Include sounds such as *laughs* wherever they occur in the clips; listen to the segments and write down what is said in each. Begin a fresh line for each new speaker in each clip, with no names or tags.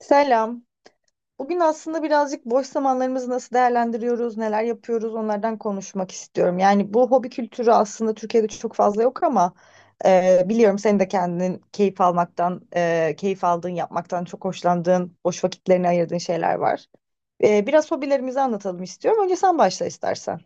Selam. Bugün aslında birazcık boş zamanlarımızı nasıl değerlendiriyoruz, neler yapıyoruz onlardan konuşmak istiyorum. Yani bu hobi kültürü aslında Türkiye'de çok fazla yok ama biliyorum senin de kendin keyif almaktan, keyif aldığın, yapmaktan çok hoşlandığın, boş vakitlerini ayırdığın şeyler var. Biraz hobilerimizi anlatalım istiyorum. Önce sen başla istersen.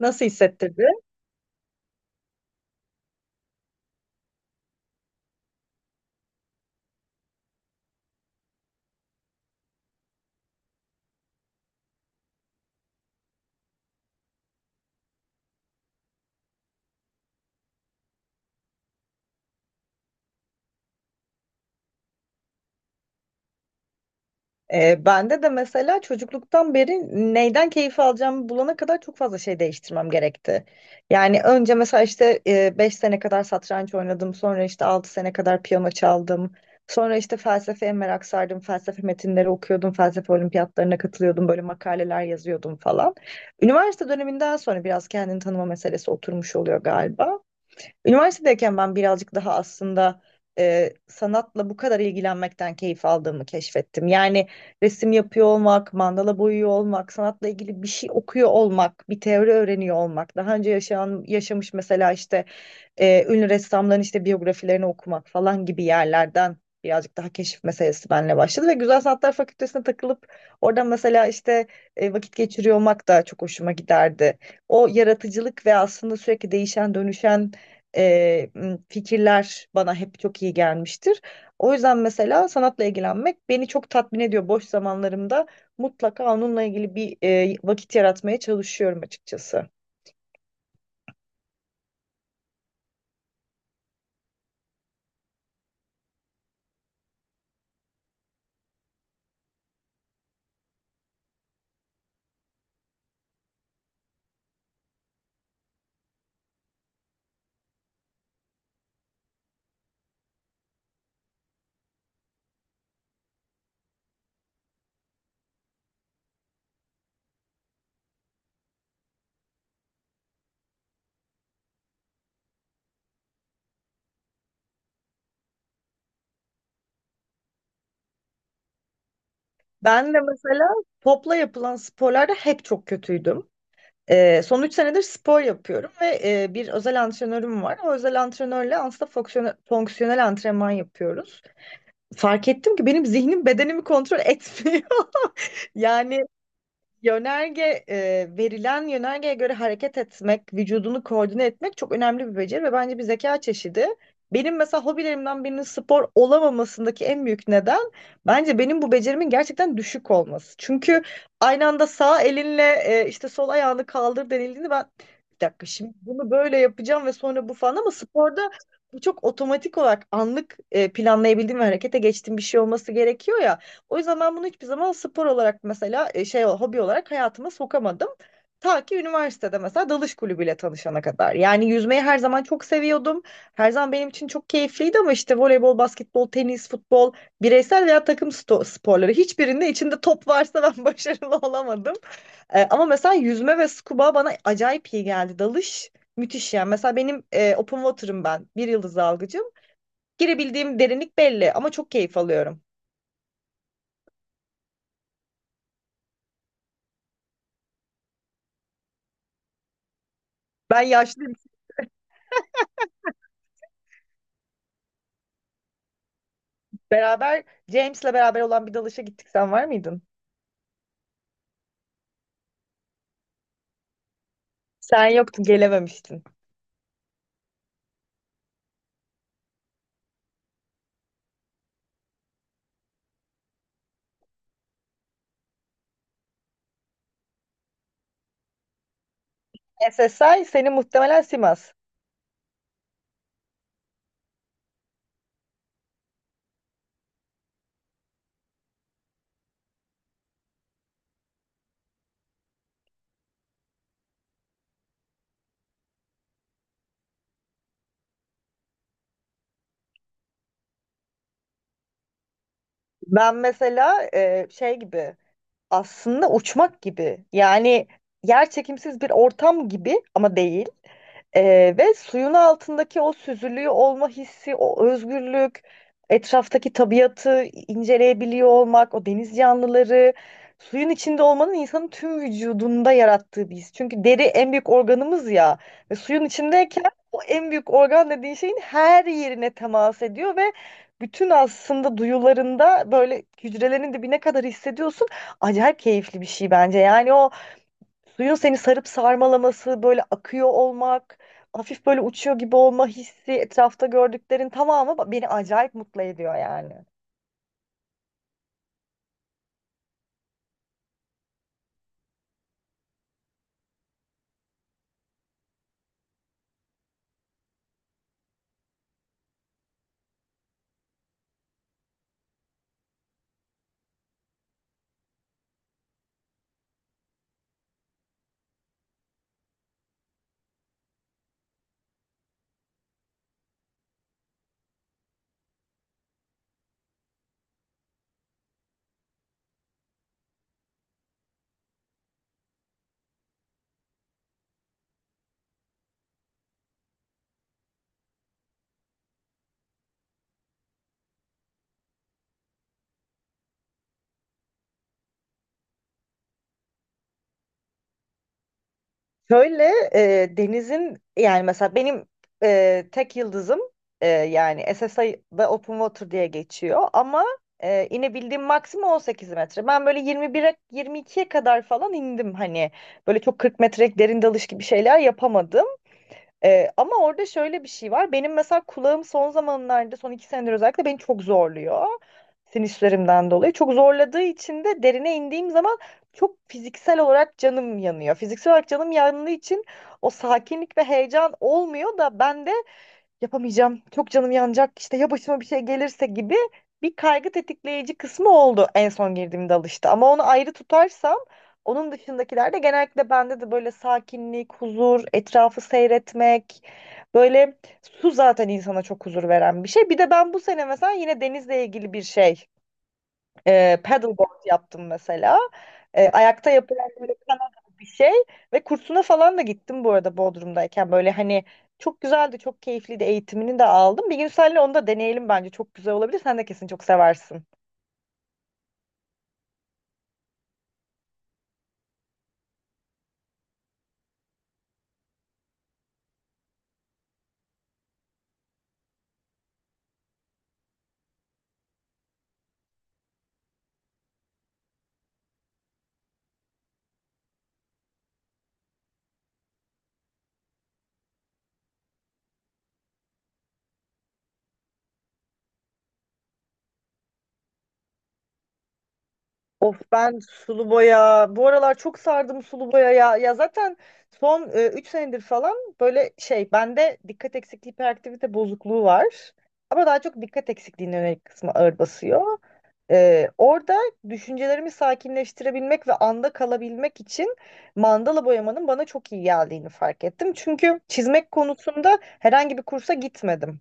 Nasıl hissettirdi? Bende de mesela çocukluktan beri neyden keyif alacağımı bulana kadar çok fazla şey değiştirmem gerekti. Yani önce mesela işte 5 sene kadar satranç oynadım, sonra işte 6 sene kadar piyano çaldım. Sonra işte felsefeye merak sardım, felsefe metinleri okuyordum, felsefe olimpiyatlarına katılıyordum, böyle makaleler yazıyordum falan. Üniversite döneminden sonra biraz kendini tanıma meselesi oturmuş oluyor galiba. Üniversitedeyken ben birazcık daha aslında sanatla bu kadar ilgilenmekten keyif aldığımı keşfettim. Yani resim yapıyor olmak, mandala boyuyor olmak, sanatla ilgili bir şey okuyor olmak, bir teori öğreniyor olmak. Daha önce yaşayan, yaşamış mesela işte ünlü ressamların işte biyografilerini okumak falan gibi yerlerden birazcık daha keşif meselesi benimle başladı ve Güzel Sanatlar Fakültesine takılıp oradan mesela işte vakit geçiriyor olmak da çok hoşuma giderdi. O yaratıcılık ve aslında sürekli değişen dönüşen fikirler bana hep çok iyi gelmiştir. O yüzden mesela sanatla ilgilenmek beni çok tatmin ediyor. Boş zamanlarımda mutlaka onunla ilgili bir vakit yaratmaya çalışıyorum açıkçası. Ben de mesela topla yapılan sporlarda hep çok kötüydüm. Son 3 senedir spor yapıyorum ve bir özel antrenörüm var. O özel antrenörle aslında fonksiyonel antrenman yapıyoruz. Fark ettim ki benim zihnim bedenimi kontrol etmiyor. *laughs* Yani verilen yönergeye göre hareket etmek, vücudunu koordine etmek çok önemli bir beceri ve bence bir zeka çeşidi. Benim mesela hobilerimden birinin spor olamamasındaki en büyük neden bence benim bu becerimin gerçekten düşük olması. Çünkü aynı anda sağ elinle işte sol ayağını kaldır denildiğinde ben bir dakika şimdi bunu böyle yapacağım ve sonra bu falan ama sporda bu çok otomatik olarak anlık planlayabildiğim ve harekete geçtiğim bir şey olması gerekiyor ya. O yüzden ben bunu hiçbir zaman spor olarak mesela hobi olarak hayatıma sokamadım. Ta ki üniversitede mesela dalış kulübüyle tanışana kadar. Yani yüzmeyi her zaman çok seviyordum. Her zaman benim için çok keyifliydi ama işte voleybol, basketbol, tenis, futbol, bireysel veya takım sporları hiçbirinde içinde top varsa ben *laughs* başarılı olamadım. Ama mesela yüzme ve scuba bana acayip iyi geldi. Dalış müthiş yani. Mesela benim open water'ım ben. Bir yıldız dalgıcım. Girebildiğim derinlik belli ama çok keyif alıyorum. Ben yaşlı Beraber James'le beraber olan bir dalışa gittik. Sen var mıydın? Sen yoktun, gelememiştin. SSI seni muhtemelen Simas. Ben mesela şey gibi aslında uçmak gibi yani yer çekimsiz bir ortam gibi ama değil. Ve suyun altındaki o süzülüğü olma hissi, o özgürlük, etraftaki tabiatı inceleyebiliyor olmak, o deniz canlıları, suyun içinde olmanın insanın tüm vücudunda yarattığı bir his. Çünkü deri en büyük organımız ya ve suyun içindeyken o en büyük organ dediğin şeyin her yerine temas ediyor ve bütün aslında duyularında böyle hücrelerin dibine kadar hissediyorsun. Acayip keyifli bir şey bence. Yani o, suyun seni sarıp sarmalaması, böyle akıyor olmak, hafif böyle uçuyor gibi olma hissi, etrafta gördüklerin tamamı beni acayip mutlu ediyor yani. Şöyle denizin yani mesela benim tek yıldızım yani SSI'da Open Water diye geçiyor ama inebildiğim maksimum 18 metre. Ben böyle 21'e 22'ye kadar falan indim hani böyle çok 40 metrelik derin dalış gibi şeyler yapamadım. Ama orada şöyle bir şey var. Benim mesela kulağım son zamanlarda, son iki senedir özellikle beni çok zorluyor. Sinüslerimden dolayı. Çok zorladığı için de derine indiğim zaman çok fiziksel olarak canım yanıyor. Fiziksel olarak canım yandığı için o sakinlik ve heyecan olmuyor da ben de yapamayacağım, çok canım yanacak, işte ya başıma bir şey gelirse gibi bir kaygı tetikleyici kısmı oldu en son girdiğimde alıştı. Ama onu ayrı tutarsam onun dışındakilerde genellikle bende de böyle sakinlik, huzur, etrafı seyretmek, böyle su zaten insana çok huzur veren bir şey. Bir de ben bu sene mesela yine denizle ilgili bir şey paddleboard yaptım mesela. E, ayakta yapılan böyle kano gibi bir şey. Ve kursuna falan da gittim bu arada Bodrum'dayken. Böyle hani çok güzeldi, çok keyifliydi. Eğitimini de aldım. Bir gün seninle onu da deneyelim bence. Çok güzel olabilir. Sen de kesin çok seversin. Of ben sulu boya. Bu aralar çok sardım sulu boya ya. Ya zaten son 3 senedir falan böyle şey bende dikkat eksikliği hiperaktivite bozukluğu var. Ama daha çok dikkat eksikliğine yönelik kısmı ağır basıyor. Orada düşüncelerimi sakinleştirebilmek ve anda kalabilmek için mandala boyamanın bana çok iyi geldiğini fark ettim. Çünkü çizmek konusunda herhangi bir kursa gitmedim.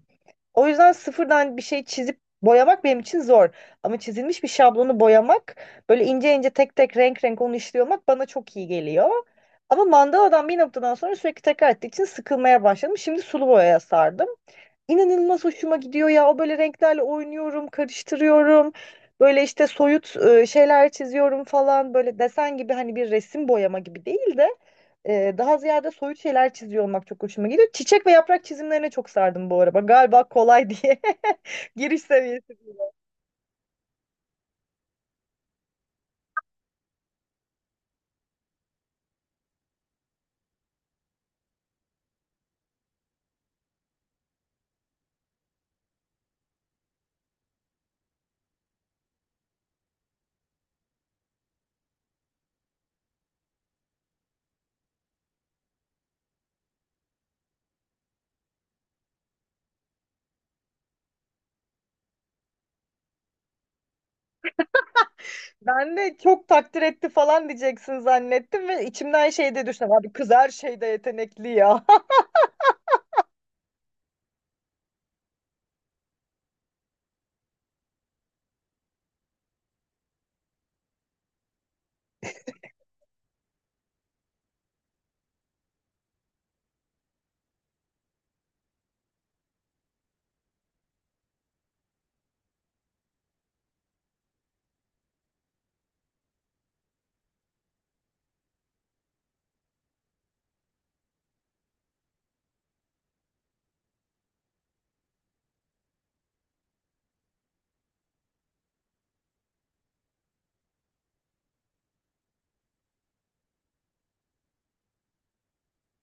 O yüzden sıfırdan bir şey çizip boyamak benim için zor. Ama çizilmiş bir şablonu boyamak, böyle ince ince tek tek renk renk onu işliyor olmak bana çok iyi geliyor. Ama mandaladan bir noktadan sonra sürekli tekrar ettiği için sıkılmaya başladım. Şimdi sulu boyaya sardım. İnanılmaz hoşuma gidiyor ya. O böyle renklerle oynuyorum, karıştırıyorum. Böyle işte soyut şeyler çiziyorum falan. Böyle desen gibi hani bir resim boyama gibi değil de daha ziyade soyut şeyler çiziyor olmak çok hoşuma gidiyor. Çiçek ve yaprak çizimlerine çok sardım bu araba. Galiba kolay diye *laughs* giriş seviyesi. Ben de çok takdir etti falan diyeceksin zannettim ve içimden şey de düşündüm. Abi kız her şeyde yetenekli ya. *laughs*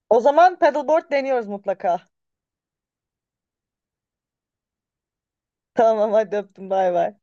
O zaman paddleboard deniyoruz mutlaka. Tamam hadi öptüm bay bay.